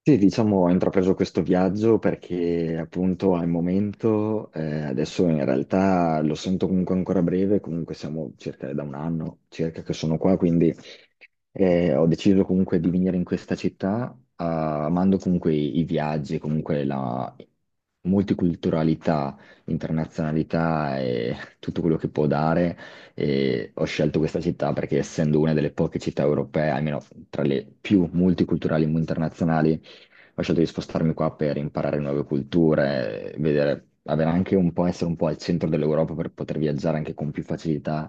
Sì, diciamo, ho intrapreso questo viaggio perché appunto al momento, adesso in realtà lo sento comunque ancora breve, comunque siamo circa da un anno circa che sono qua, quindi ho deciso comunque di venire in questa città, ah, amando comunque i viaggi, comunque la multiculturalità, internazionalità e tutto quello che può dare. E ho scelto questa città perché essendo una delle poche città europee, almeno tra le più multiculturali e internazionali, ho scelto di spostarmi qua per imparare nuove culture, vedere, avere anche un po', essere un po' al centro dell'Europa per poter viaggiare anche con più facilità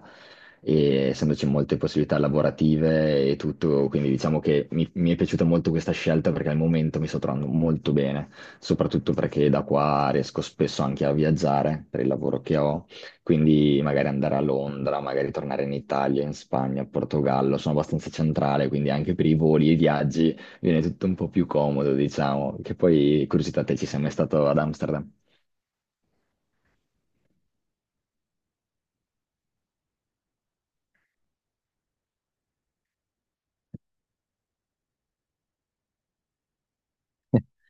e essendoci molte possibilità lavorative e tutto, quindi diciamo che mi è piaciuta molto questa scelta perché al momento mi sto trovando molto bene, soprattutto perché da qua riesco spesso anche a viaggiare per il lavoro che ho, quindi magari andare a Londra, magari tornare in Italia, in Spagna, Portogallo, sono abbastanza centrale, quindi anche per i voli e i viaggi viene tutto un po' più comodo, diciamo, che poi, curiosità, te ci sei mai stato ad Amsterdam?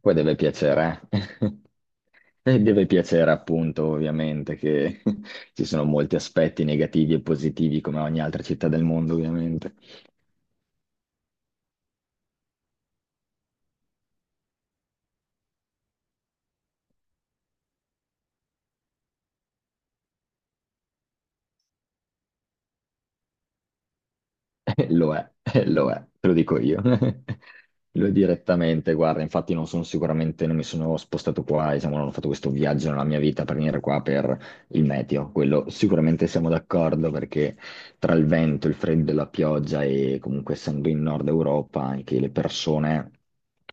Poi deve piacere, eh? E deve piacere appunto, ovviamente, che ci sono molti aspetti negativi e positivi come ogni altra città del mondo, ovviamente. Lo è, lo è, te lo dico io. Lo è direttamente, guarda, infatti non sono sicuramente, non mi sono spostato qua, diciamo, non ho fatto questo viaggio nella mia vita per venire qua per il meteo, quello sicuramente siamo d'accordo perché tra il vento, il freddo e la pioggia e comunque essendo in Nord Europa anche le persone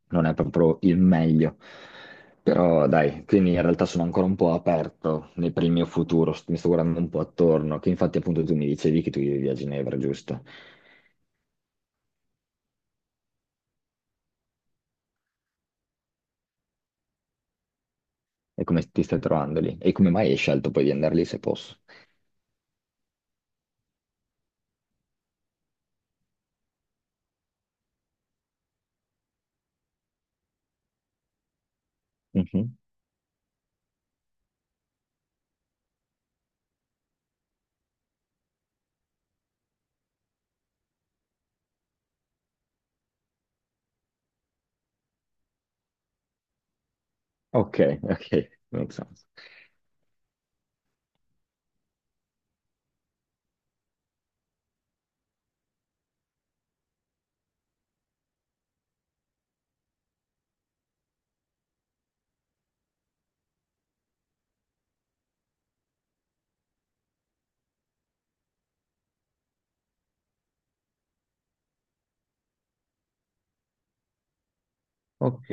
non è proprio il meglio. Però dai, quindi in realtà sono ancora un po' aperto per il mio futuro, mi sto guardando un po' attorno, che infatti appunto tu mi dicevi che tu vivi a Ginevra, giusto? E come ti stai trovando lì? E come mai hai scelto poi di andare lì se posso? Mhm. Ok, ok, make sense. Ok.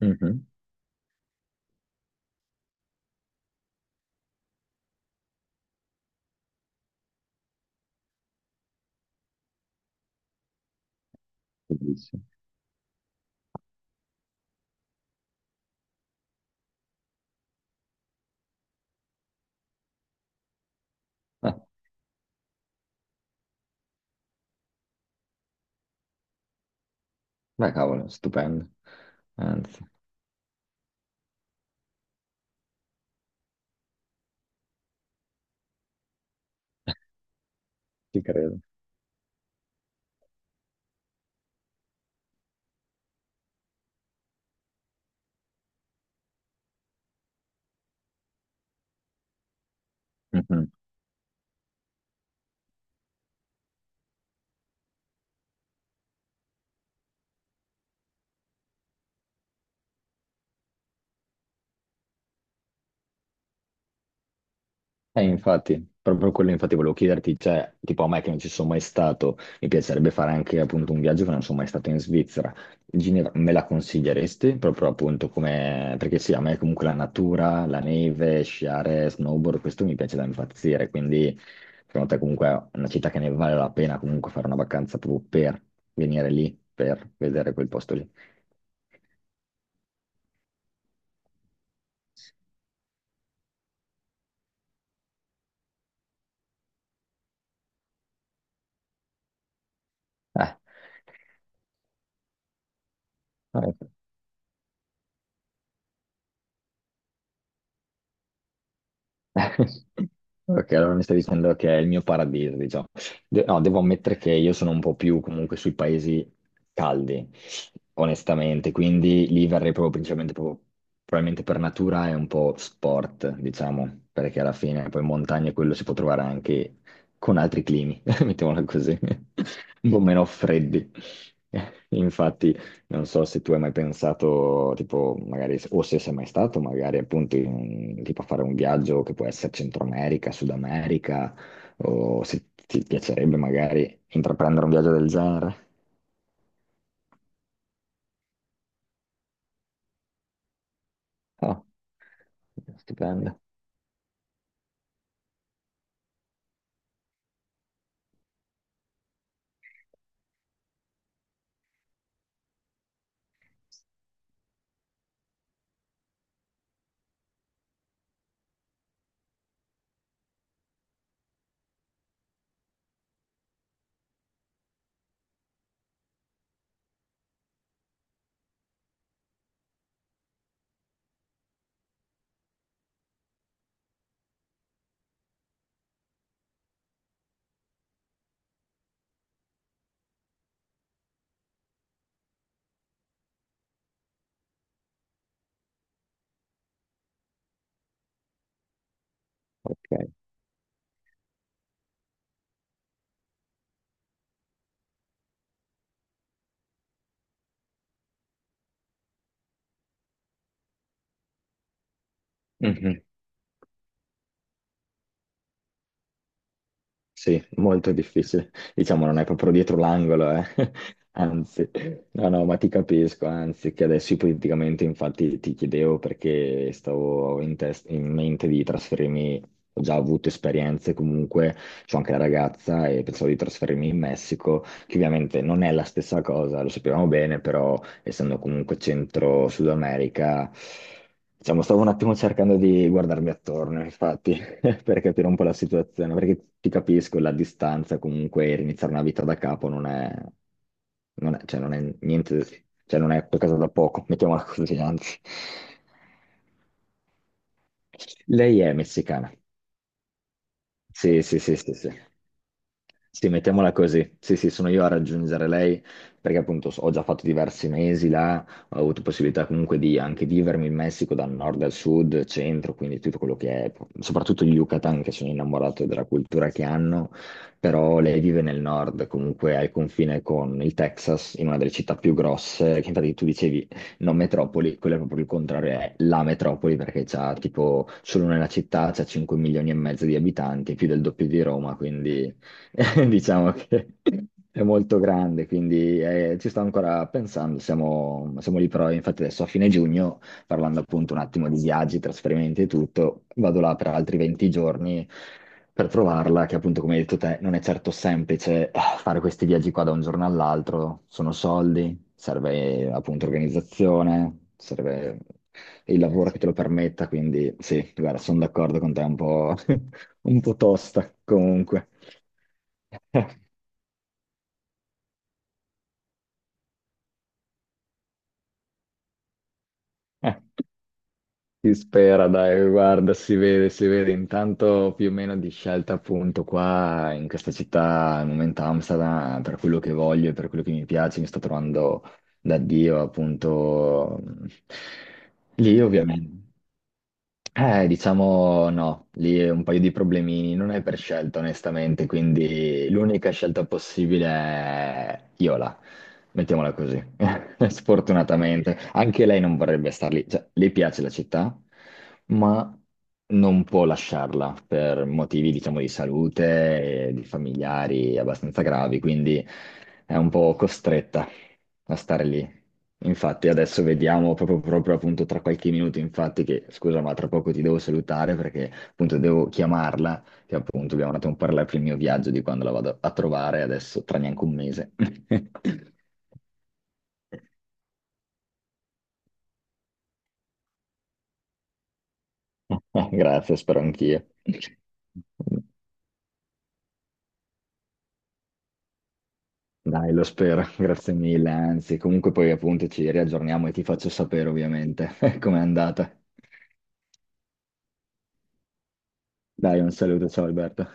Mhm. Bellissimo. Ah, beh, cavolo, stupendo. Anzi, ci credo. Mhm. Infatti, proprio quello infatti volevo chiederti, cioè, tipo a me che non ci sono mai stato, mi piacerebbe fare anche appunto un viaggio che non sono mai stato in Svizzera. Ginevra, me la consiglieresti? Proprio appunto come, perché sì, a me comunque la natura, la neve, sciare, snowboard, questo mi piace da impazzire, quindi secondo te comunque è una città che ne vale la pena comunque fare una vacanza proprio per venire lì, per vedere quel posto lì. Eh, ok, allora mi stai dicendo che è il mio paradiso, diciamo. No, devo ammettere che io sono un po' più comunque sui paesi caldi, onestamente, quindi lì verrei proprio principalmente, probabilmente per natura è un po' sport, diciamo, perché alla fine poi in montagna quello si può trovare anche con altri climi, mettiamola così, un po' meno freddi. Infatti non so se tu hai mai pensato, tipo, magari, o se sei mai stato, magari appunto, tipo a fare un viaggio che può essere Centro America, Sud America, o se ti piacerebbe magari intraprendere un viaggio del genere. Oh, stupendo. Ok. Sì, molto difficile. Diciamo, non è proprio dietro l'angolo, eh. Anzi, no, no, ma ti capisco, anzi, che adesso ipoteticamente infatti ti chiedevo perché stavo in, in mente di trasferirmi, ho già avuto esperienze comunque, c'ho anche la ragazza e pensavo di trasferirmi in Messico, che ovviamente non è la stessa cosa, lo sappiamo bene, però essendo comunque centro Sud America, diciamo, stavo un attimo cercando di guardarmi attorno, infatti. Per capire un po' la situazione, perché ti capisco, la distanza comunque, iniziare una vita da capo non è, cioè non è niente, cioè non è qualcosa da poco, mettiamola così, anzi. Lei è messicana. Sì, sì, sì, sì, sì. Sì, mettiamola così. Sì, sì, sono io a raggiungere lei perché appunto ho già fatto diversi mesi là, ho avuto possibilità comunque di anche vivermi in Messico dal nord al sud, centro, quindi tutto quello che è, soprattutto il Yucatan che sono innamorato della cultura che hanno, però lei vive nel nord, comunque al confine con il Texas, in una delle città più grosse, che infatti tu dicevi non metropoli, quello è proprio il contrario, è la metropoli perché c'ha tipo solo nella città c'ha 5 milioni e mezzo di abitanti, più del doppio di Roma, quindi diciamo che è molto grande, quindi ci sto ancora pensando, siamo lì però, infatti adesso a fine giugno, parlando appunto un attimo di viaggi, trasferimenti e tutto, vado là per altri 20 giorni per trovarla, che appunto come hai detto te non è certo semplice fare questi viaggi qua da un giorno all'altro, sono soldi, serve appunto organizzazione, serve il lavoro che sì, te lo permetta, quindi sì, guarda, sono d'accordo con te un po'. Un po' tosta comunque. Si spera, dai, guarda, si vede intanto più o meno di scelta appunto qua in questa città, al momento Amsterdam, per quello che voglio, e per quello che mi piace, mi sto trovando da Dio appunto lì ovviamente. Diciamo no, lì è un paio di problemini, non è per scelta onestamente, quindi l'unica scelta possibile è Iola, mettiamola così, sfortunatamente. Anche lei non vorrebbe star lì, cioè le piace la città, ma non può lasciarla per motivi, diciamo, di salute e di familiari abbastanza gravi, quindi è un po' costretta a stare lì. Infatti adesso vediamo proprio, proprio appunto tra qualche minuto, infatti che scusa ma tra poco ti devo salutare perché appunto devo chiamarla, che appunto abbiamo andato a parlare per il mio viaggio di quando la vado a trovare adesso tra neanche un mese. Grazie, spero anch'io. Dai, lo spero, grazie mille, anzi comunque poi appunto ci riaggiorniamo e ti faccio sapere ovviamente com'è andata. Dai, un saluto, ciao Alberto.